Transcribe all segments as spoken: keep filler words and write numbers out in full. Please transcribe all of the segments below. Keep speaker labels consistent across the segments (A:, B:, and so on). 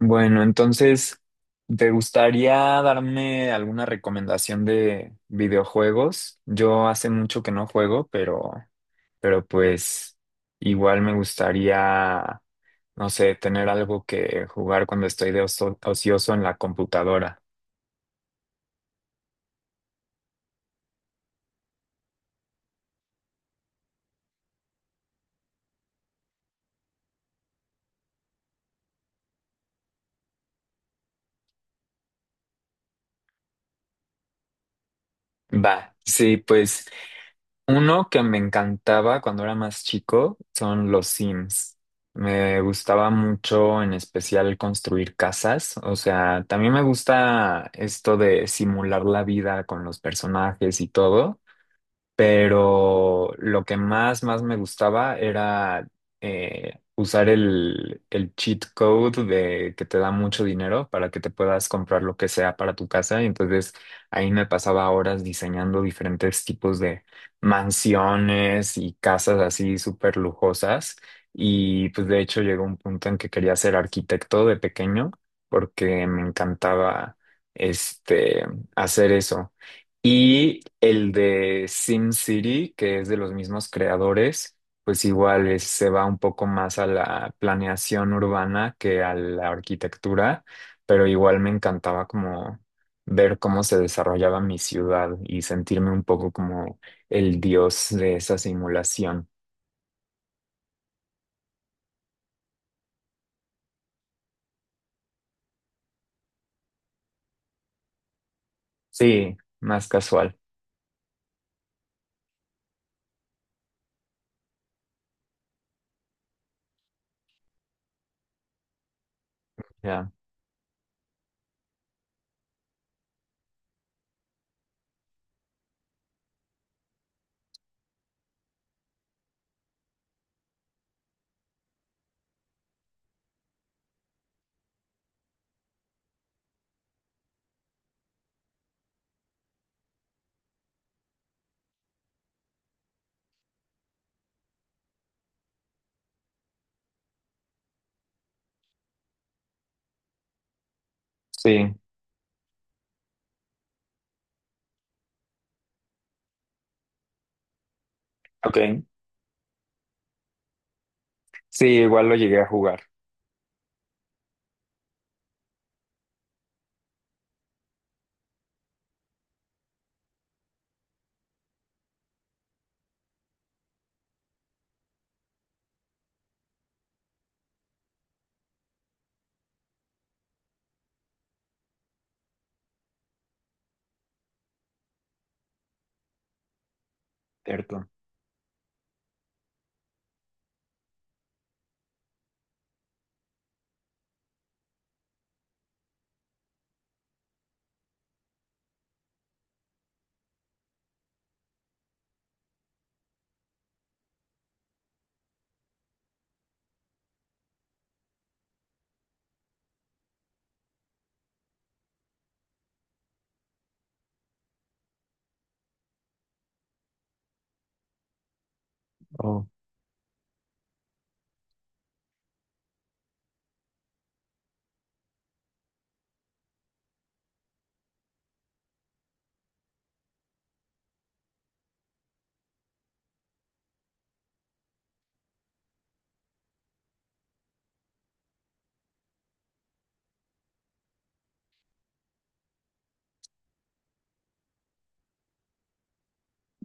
A: Bueno, entonces, ¿te gustaría darme alguna recomendación de videojuegos? Yo hace mucho que no juego, pero, pero pues igual me gustaría, no sé, tener algo que jugar cuando estoy de oso- ocioso en la computadora. Va, sí, pues uno que me encantaba cuando era más chico son los Sims. Me gustaba mucho, en especial, construir casas. O sea, también me gusta esto de simular la vida con los personajes y todo, pero lo que más, más me gustaba era eh, usar el, el cheat code de que te da mucho dinero para que te puedas comprar lo que sea para tu casa. Y entonces ahí me pasaba horas diseñando diferentes tipos de mansiones y casas así súper lujosas. Y pues de hecho llegó un punto en que quería ser arquitecto de pequeño porque me encantaba este hacer eso. Y el de SimCity, que es de los mismos creadores, pues igual es- se va un poco más a la planeación urbana que a la arquitectura, pero igual me encantaba como ver cómo se desarrollaba mi ciudad y sentirme un poco como el dios de esa simulación. Sí, más casual, ya. Sí, ok. Sí, igual lo llegué a jugar, ¿cierto? Oh.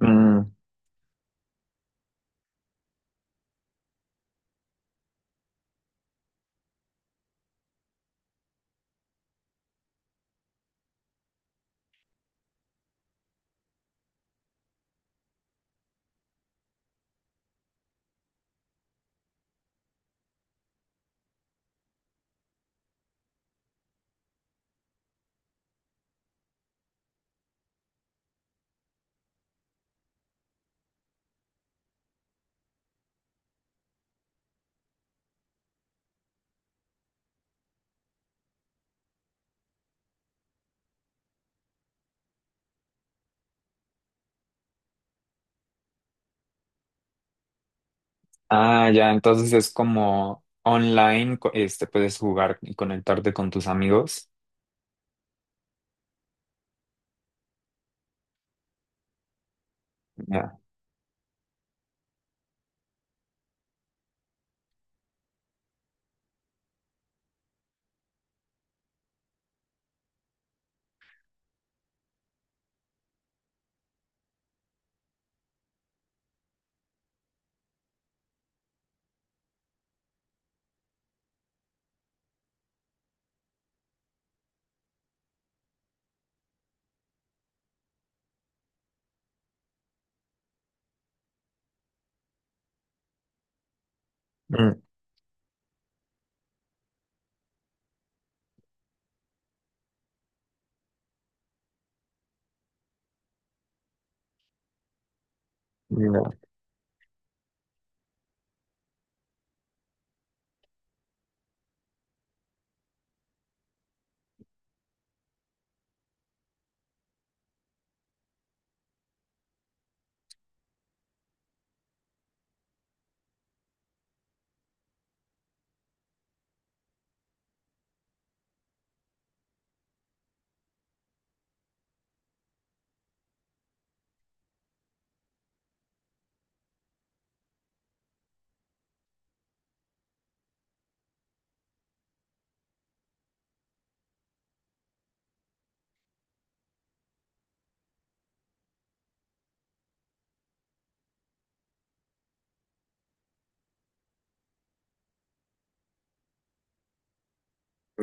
A: Mm. Ah, ya, entonces es como online, co- este, puedes jugar y conectarte con tus amigos. Ya. Mm, ya.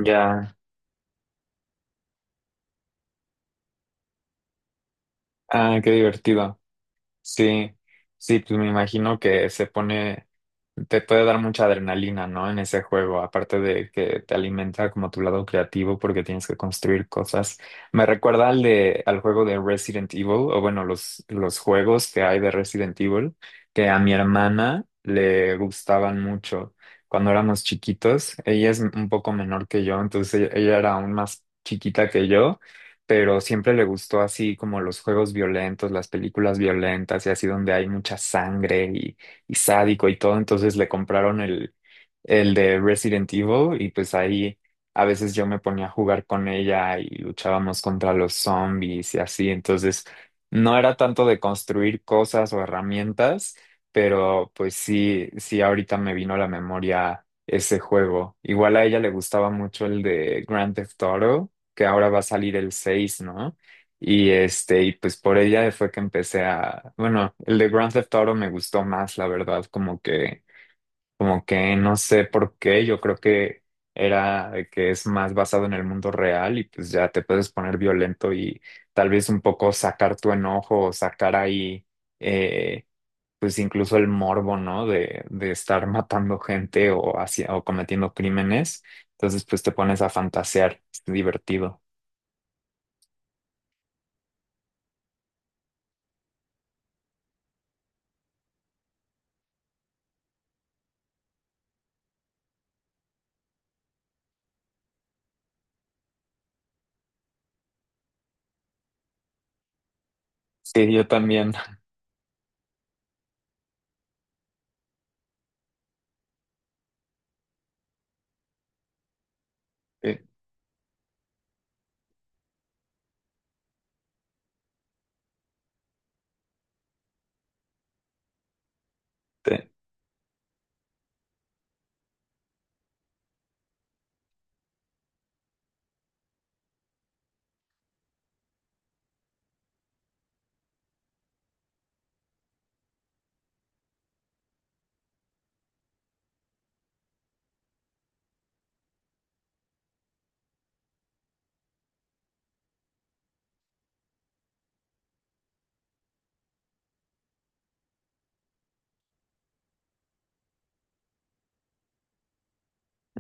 A: Ya. Ah, qué divertido. Sí, sí, pues me imagino que se pone, te puede dar mucha adrenalina, ¿no? En ese juego, aparte de que te alimenta como tu lado creativo porque tienes que construir cosas. Me recuerda al de, al juego de Resident Evil, o bueno, los, los juegos que hay de Resident Evil, que a mi hermana le gustaban mucho cuando éramos chiquitos. Ella es un poco menor que yo, entonces ella ella era aún más chiquita que yo, pero siempre le gustó así como los juegos violentos, las películas violentas y así donde hay mucha sangre y, y sádico y todo, entonces le compraron el, el de Resident Evil y pues ahí a veces yo me ponía a jugar con ella y luchábamos contra los zombies y así, entonces no era tanto de construir cosas o herramientas, pero pues sí, sí ahorita me vino a la memoria ese juego. Igual a ella le gustaba mucho el de Grand Theft Auto, que ahora va a salir el seis, ¿no? Y este, y pues por ella fue que empecé a, bueno, el de Grand Theft Auto me gustó más, la verdad, como que, como que no sé por qué, yo creo que era de que es más basado en el mundo real y pues ya te puedes poner violento y tal vez un poco sacar tu enojo o sacar ahí, eh, pues incluso el morbo, ¿no? De, de estar matando gente o hacia, o cometiendo crímenes. Entonces, pues te pones a fantasear, es divertido. Sí, yo también. Eh, te-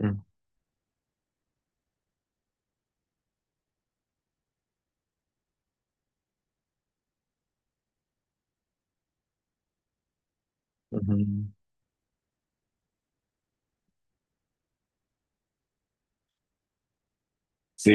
A: mm, ujú. Sí,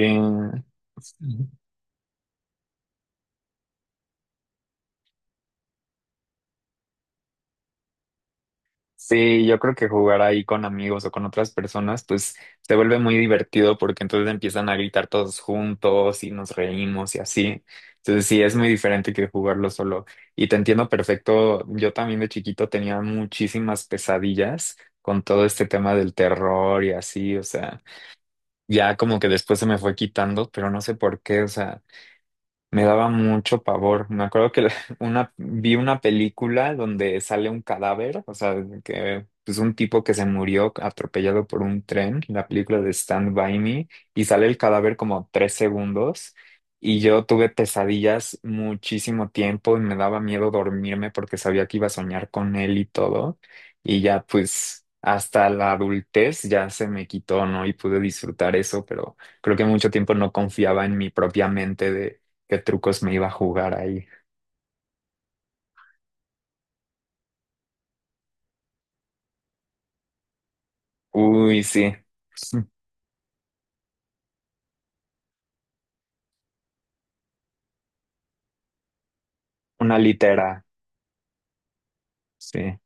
A: sí, yo creo que jugar ahí con amigos o con otras personas, pues se vuelve muy divertido porque entonces empiezan a gritar todos juntos y nos reímos y así. Entonces sí, es muy diferente que jugarlo solo. Y te entiendo perfecto. Yo también de chiquito tenía muchísimas pesadillas con todo este tema del terror y así, o sea, ya como que después se me fue quitando, pero no sé por qué, o sea. Me daba mucho pavor. Me acuerdo que la- una, vi una película donde sale un cadáver, o sea, que pues un tipo que se murió atropellado por un tren, la película de Stand By Me, y sale el cadáver como tres segundos. Y yo tuve pesadillas muchísimo tiempo y me daba miedo dormirme porque sabía que iba a soñar con él y todo. Y ya pues hasta la adultez ya se me quitó, ¿no? Y pude disfrutar eso, pero creo que mucho tiempo no confiaba en mi propia mente qué trucos me iba a jugar ahí. Uy, sí. Una litera. Sí.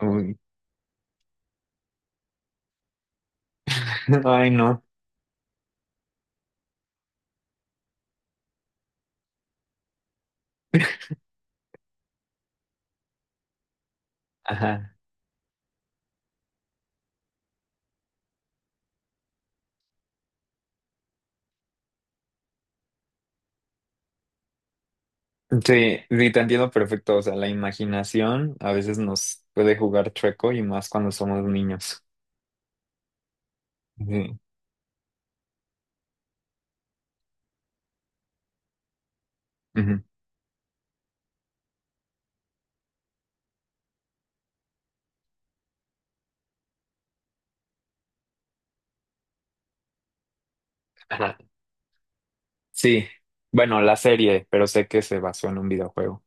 A: Uy. Ay, no. Ajá. Sí, sí, te entiendo perfecto. O sea, la imaginación a veces nos puede jugar chueco y más cuando somos niños. Sí. Ujú. Ajá. Sí. Bueno, la serie, pero sé que se basó en un videojuego.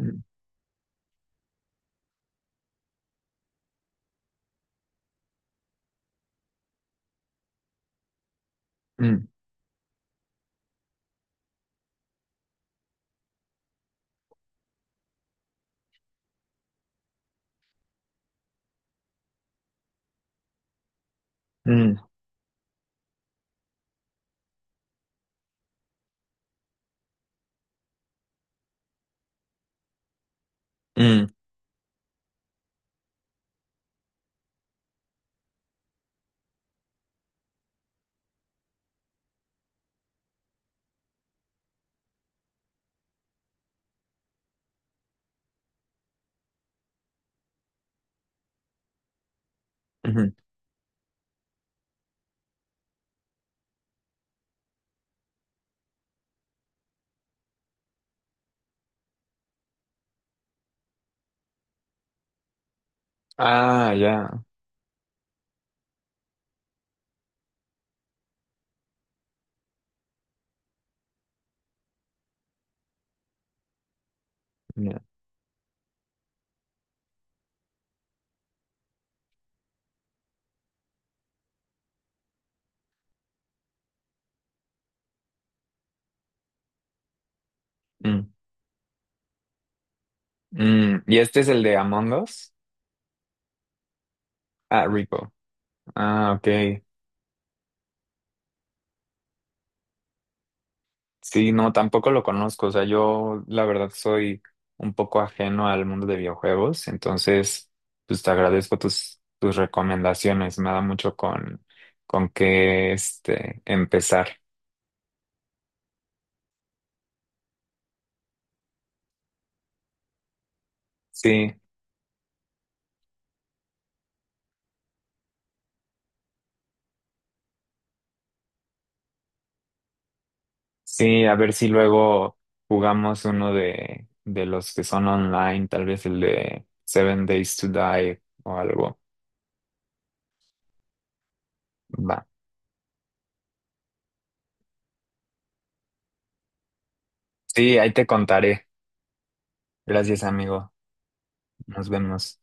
A: Mm, mm, mm, mm, ujú. Ah, ya. Ya. Mm, mm. ¿Y este es el de Among Us? Ah, Rico. Ah, ok. Sí, no, tampoco lo conozco. O sea, yo la verdad soy un poco ajeno al mundo de videojuegos, entonces pues te agradezco tus, tus recomendaciones. Me da mucho con, con qué este empezar. Sí, sí, a ver si luego jugamos uno de, de los que son online, tal vez el de Seven Days to Die o algo. Va. Sí, ahí te contaré. Gracias, amigo. Nos vemos.